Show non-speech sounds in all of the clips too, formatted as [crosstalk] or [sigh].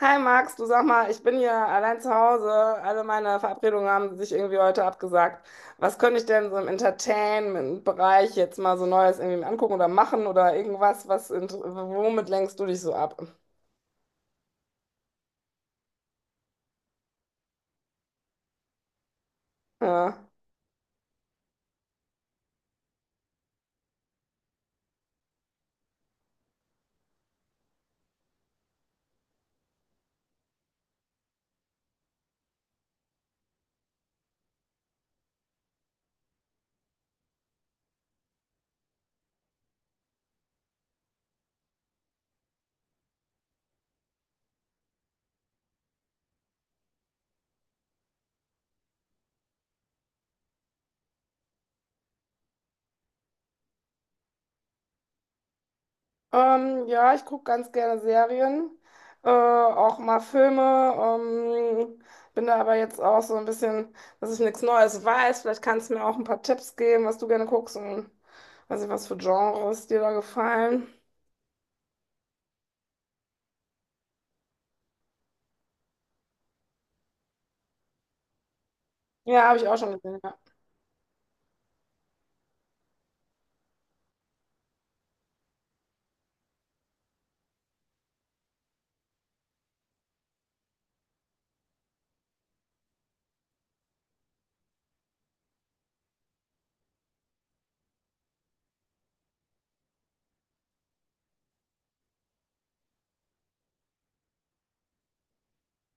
Hi Max, du sag mal, ich bin hier allein zu Hause. Alle meine Verabredungen haben sich irgendwie heute abgesagt. Was könnte ich denn so im Entertainment-Bereich jetzt mal so Neues irgendwie angucken oder machen oder irgendwas, womit lenkst du dich so ab? Ja, ja ich gucke ganz gerne Serien, auch mal Filme. Bin da aber jetzt auch so ein bisschen, dass ich nichts Neues weiß. Vielleicht kannst du mir auch ein paar Tipps geben, was du gerne guckst und weiß nicht, was für Genres dir da gefallen. Ja, habe ich auch schon gesehen. Ja.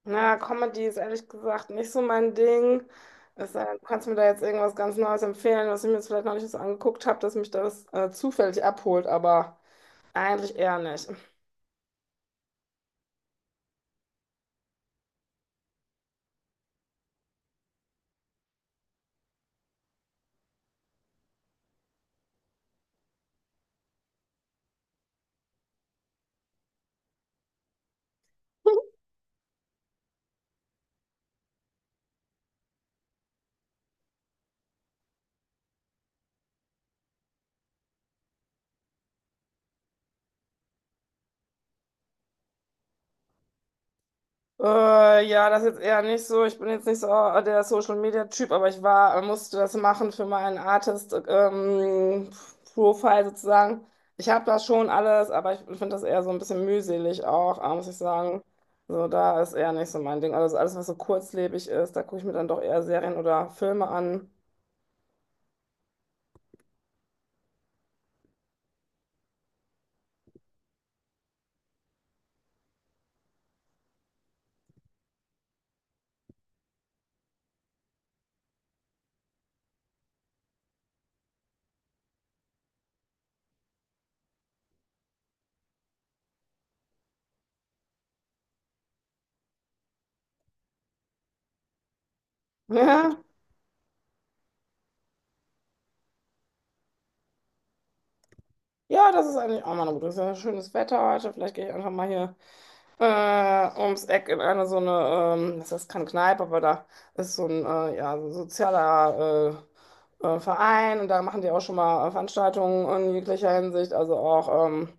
Na, Comedy ist ehrlich gesagt nicht so mein Ding. Es sei denn, du kannst mir da jetzt irgendwas ganz Neues empfehlen, was ich mir jetzt vielleicht noch nicht so angeguckt habe, dass mich das zufällig abholt, aber eigentlich eher nicht. Ja, das ist jetzt eher nicht so. Ich bin jetzt nicht so der Social Media Typ, aber ich war, musste das machen für meinen Artist Profile sozusagen. Ich habe das schon alles, aber ich finde das eher so ein bisschen mühselig auch, muss ich sagen. So, da ist eher nicht so mein Ding. Also so alles, was so kurzlebig ist, da gucke ich mir dann doch eher Serien oder Filme an. [laughs] Ja, ja, das ist eigentlich auch mal eine gute. Es ist ja schönes Wetter heute. Vielleicht gehe ich einfach mal hier ums Eck in eine so eine, das ist keine Kneipe, aber da ist so ein, ja, so ein sozialer Verein und da machen die auch schon mal Veranstaltungen in jeglicher Hinsicht, also auch ähm,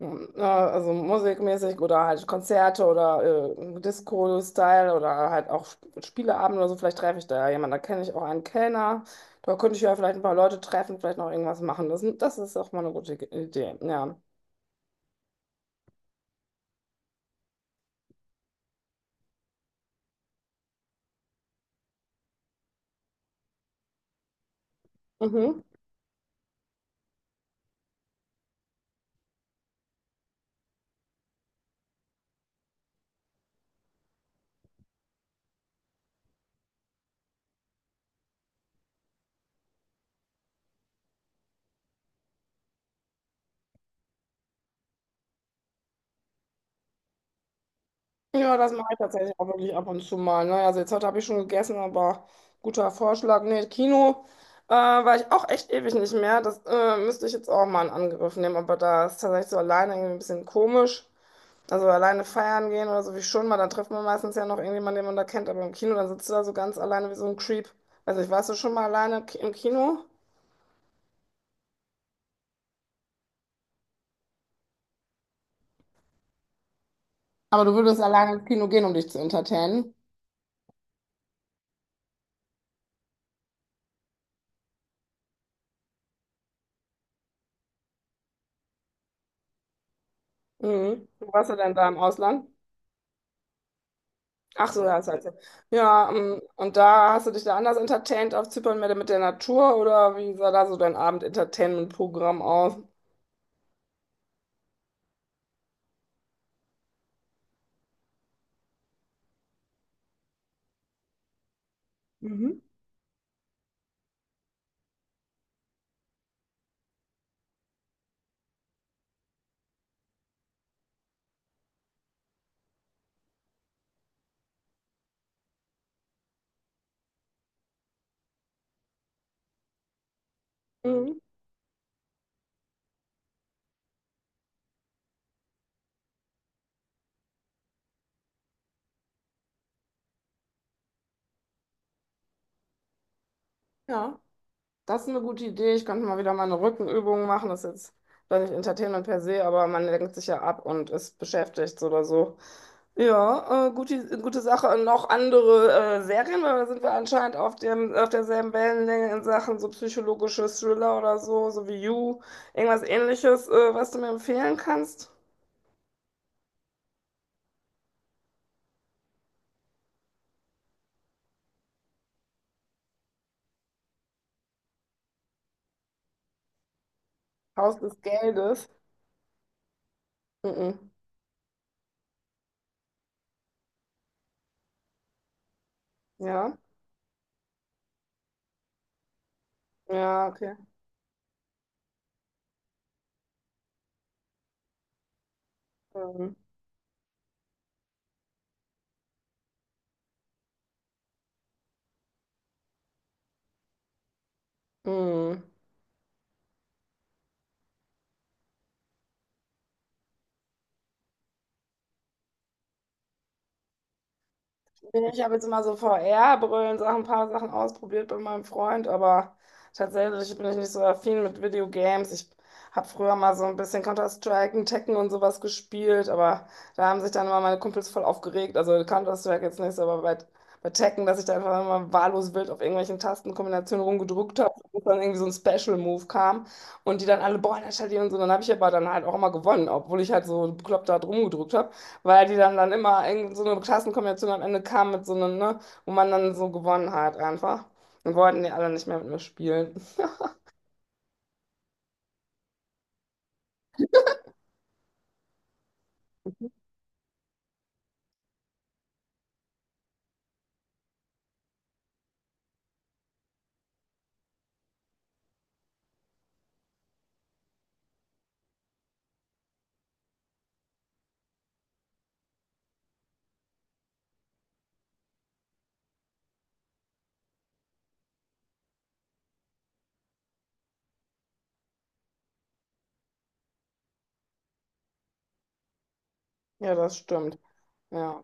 äh, also musikmäßig oder halt Konzerte oder Disco-Style oder halt auch Spieleabende oder so. Vielleicht treffe ich da ja jemanden, da kenne ich auch einen Kellner, da könnte ich ja vielleicht ein paar Leute treffen, vielleicht noch irgendwas machen. Das ist auch mal eine gute Idee, ja. Mhm. Ja, das mache ich tatsächlich auch wirklich ab und zu mal. Ne? Also jetzt heute habe ich schon gegessen, aber guter Vorschlag. Nee, Kino war ich auch echt ewig nicht mehr. Das müsste ich jetzt auch mal in Angriff nehmen. Aber da ist tatsächlich so alleine irgendwie ein bisschen komisch. Also alleine feiern gehen oder so wie schon mal, dann trifft man meistens ja noch irgendjemanden, den man da kennt. Aber im Kino, dann sitzt du da so ganz alleine wie so ein Creep. Also ich warst du schon mal alleine im Kino? Aber du würdest alleine ins Kino gehen, um dich zu entertainen. Mhm. Wo warst du denn da im Ausland? Ach so, ja, das heißt, ja, und da hast du dich da anders entertaint auf Zypern mehr mit der Natur oder wie sah da so dein Abend-Entertainment-Programm aus? Mhm. Mhm. Ja. Das ist eine gute Idee. Ich könnte mal wieder meine Rückenübungen machen. Das ist jetzt vielleicht nicht Entertainment per se, aber man lenkt sich ja ab und ist beschäftigt oder so. Ja, gute Sache. Und noch andere Serien, weil da sind wir anscheinend auf auf derselben Wellenlänge in Sachen so psychologische Thriller oder so, so wie You, irgendwas ähnliches, was du mir empfehlen kannst? Haus des Geldes. Mhm. Ja, ja, okay. Ähm, hm. Nee, ich habe jetzt immer so VR-Brillen, Sachen, ein paar Sachen ausprobiert bei meinem Freund, aber tatsächlich bin ich nicht so affin mit Videogames. Ich habe früher mal so ein bisschen Counter-Strike und Tekken und sowas gespielt, aber da haben sich dann immer meine Kumpels voll aufgeregt. Also Counter-Strike jetzt nicht so, aber bei Tekken, dass ich da einfach immer wahllos wild auf irgendwelchen Tastenkombinationen rumgedrückt habe und dann irgendwie so ein Special-Move kam und die dann alle, boah, installieren und so. Dann habe ich aber dann halt auch immer gewonnen, obwohl ich halt so bekloppt da rumgedrückt habe. Weil die dann immer in so eine Klassenkombination am Ende kam mit so einem, ne, wo man dann so gewonnen hat einfach. Und wollten die alle nicht mehr mit mir spielen. Ja, das stimmt. Ja.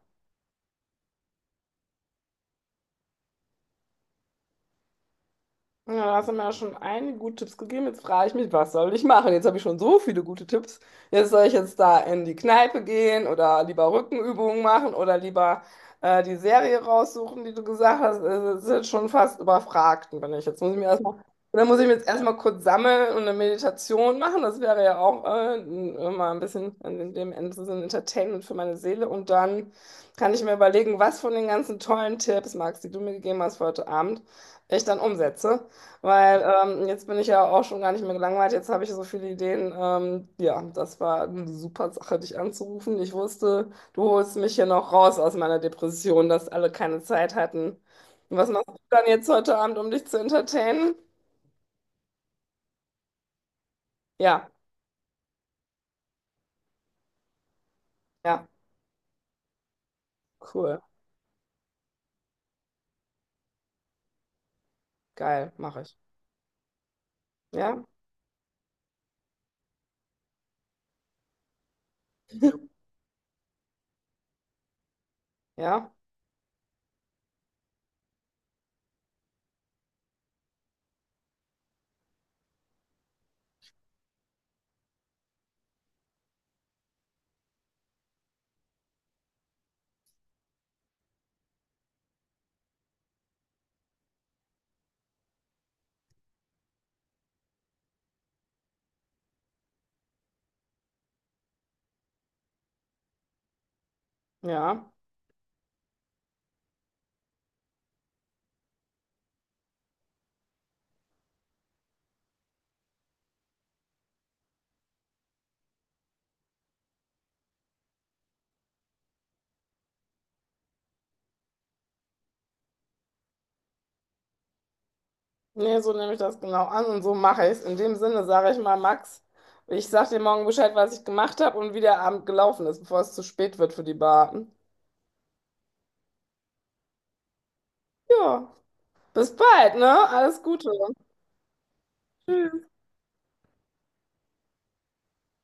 Ja, da hast du mir ja schon einige gute Tipps gegeben. Jetzt frage ich mich, was soll ich machen? Jetzt habe ich schon so viele gute Tipps. Jetzt soll ich jetzt da in die Kneipe gehen oder lieber Rückenübungen machen oder lieber die Serie raussuchen, die du gesagt hast. Also, das ist jetzt schon fast überfragt, und wenn ich. Jetzt muss ich mir erstmal, dann muss ich mir jetzt erstmal kurz sammeln und eine Meditation machen. Das wäre ja auch mal ein bisschen in dem Ende so ein Entertainment für meine Seele. Und dann kann ich mir überlegen, was von den ganzen tollen Tipps, Max, die du mir gegeben hast für heute Abend, ich dann umsetze. Weil jetzt bin ich ja auch schon gar nicht mehr gelangweilt. Jetzt habe ich so viele Ideen. Ja, das war eine super Sache, dich anzurufen. Ich wusste, du holst mich hier noch raus aus meiner Depression, dass alle keine Zeit hatten. Und was machst du dann jetzt heute Abend, um dich zu entertainen? Ja, ja, cool, geil, mache ich. Ja, ja, ja. Nee, so nehme ich das genau an und so mache ich es. In dem Sinne sage ich mal, Max, ich sage dir morgen Bescheid, was ich gemacht habe und wie der Abend gelaufen ist, bevor es zu spät wird für die Bar. Ja, bis bald, ne? Alles Gute. Tschüss.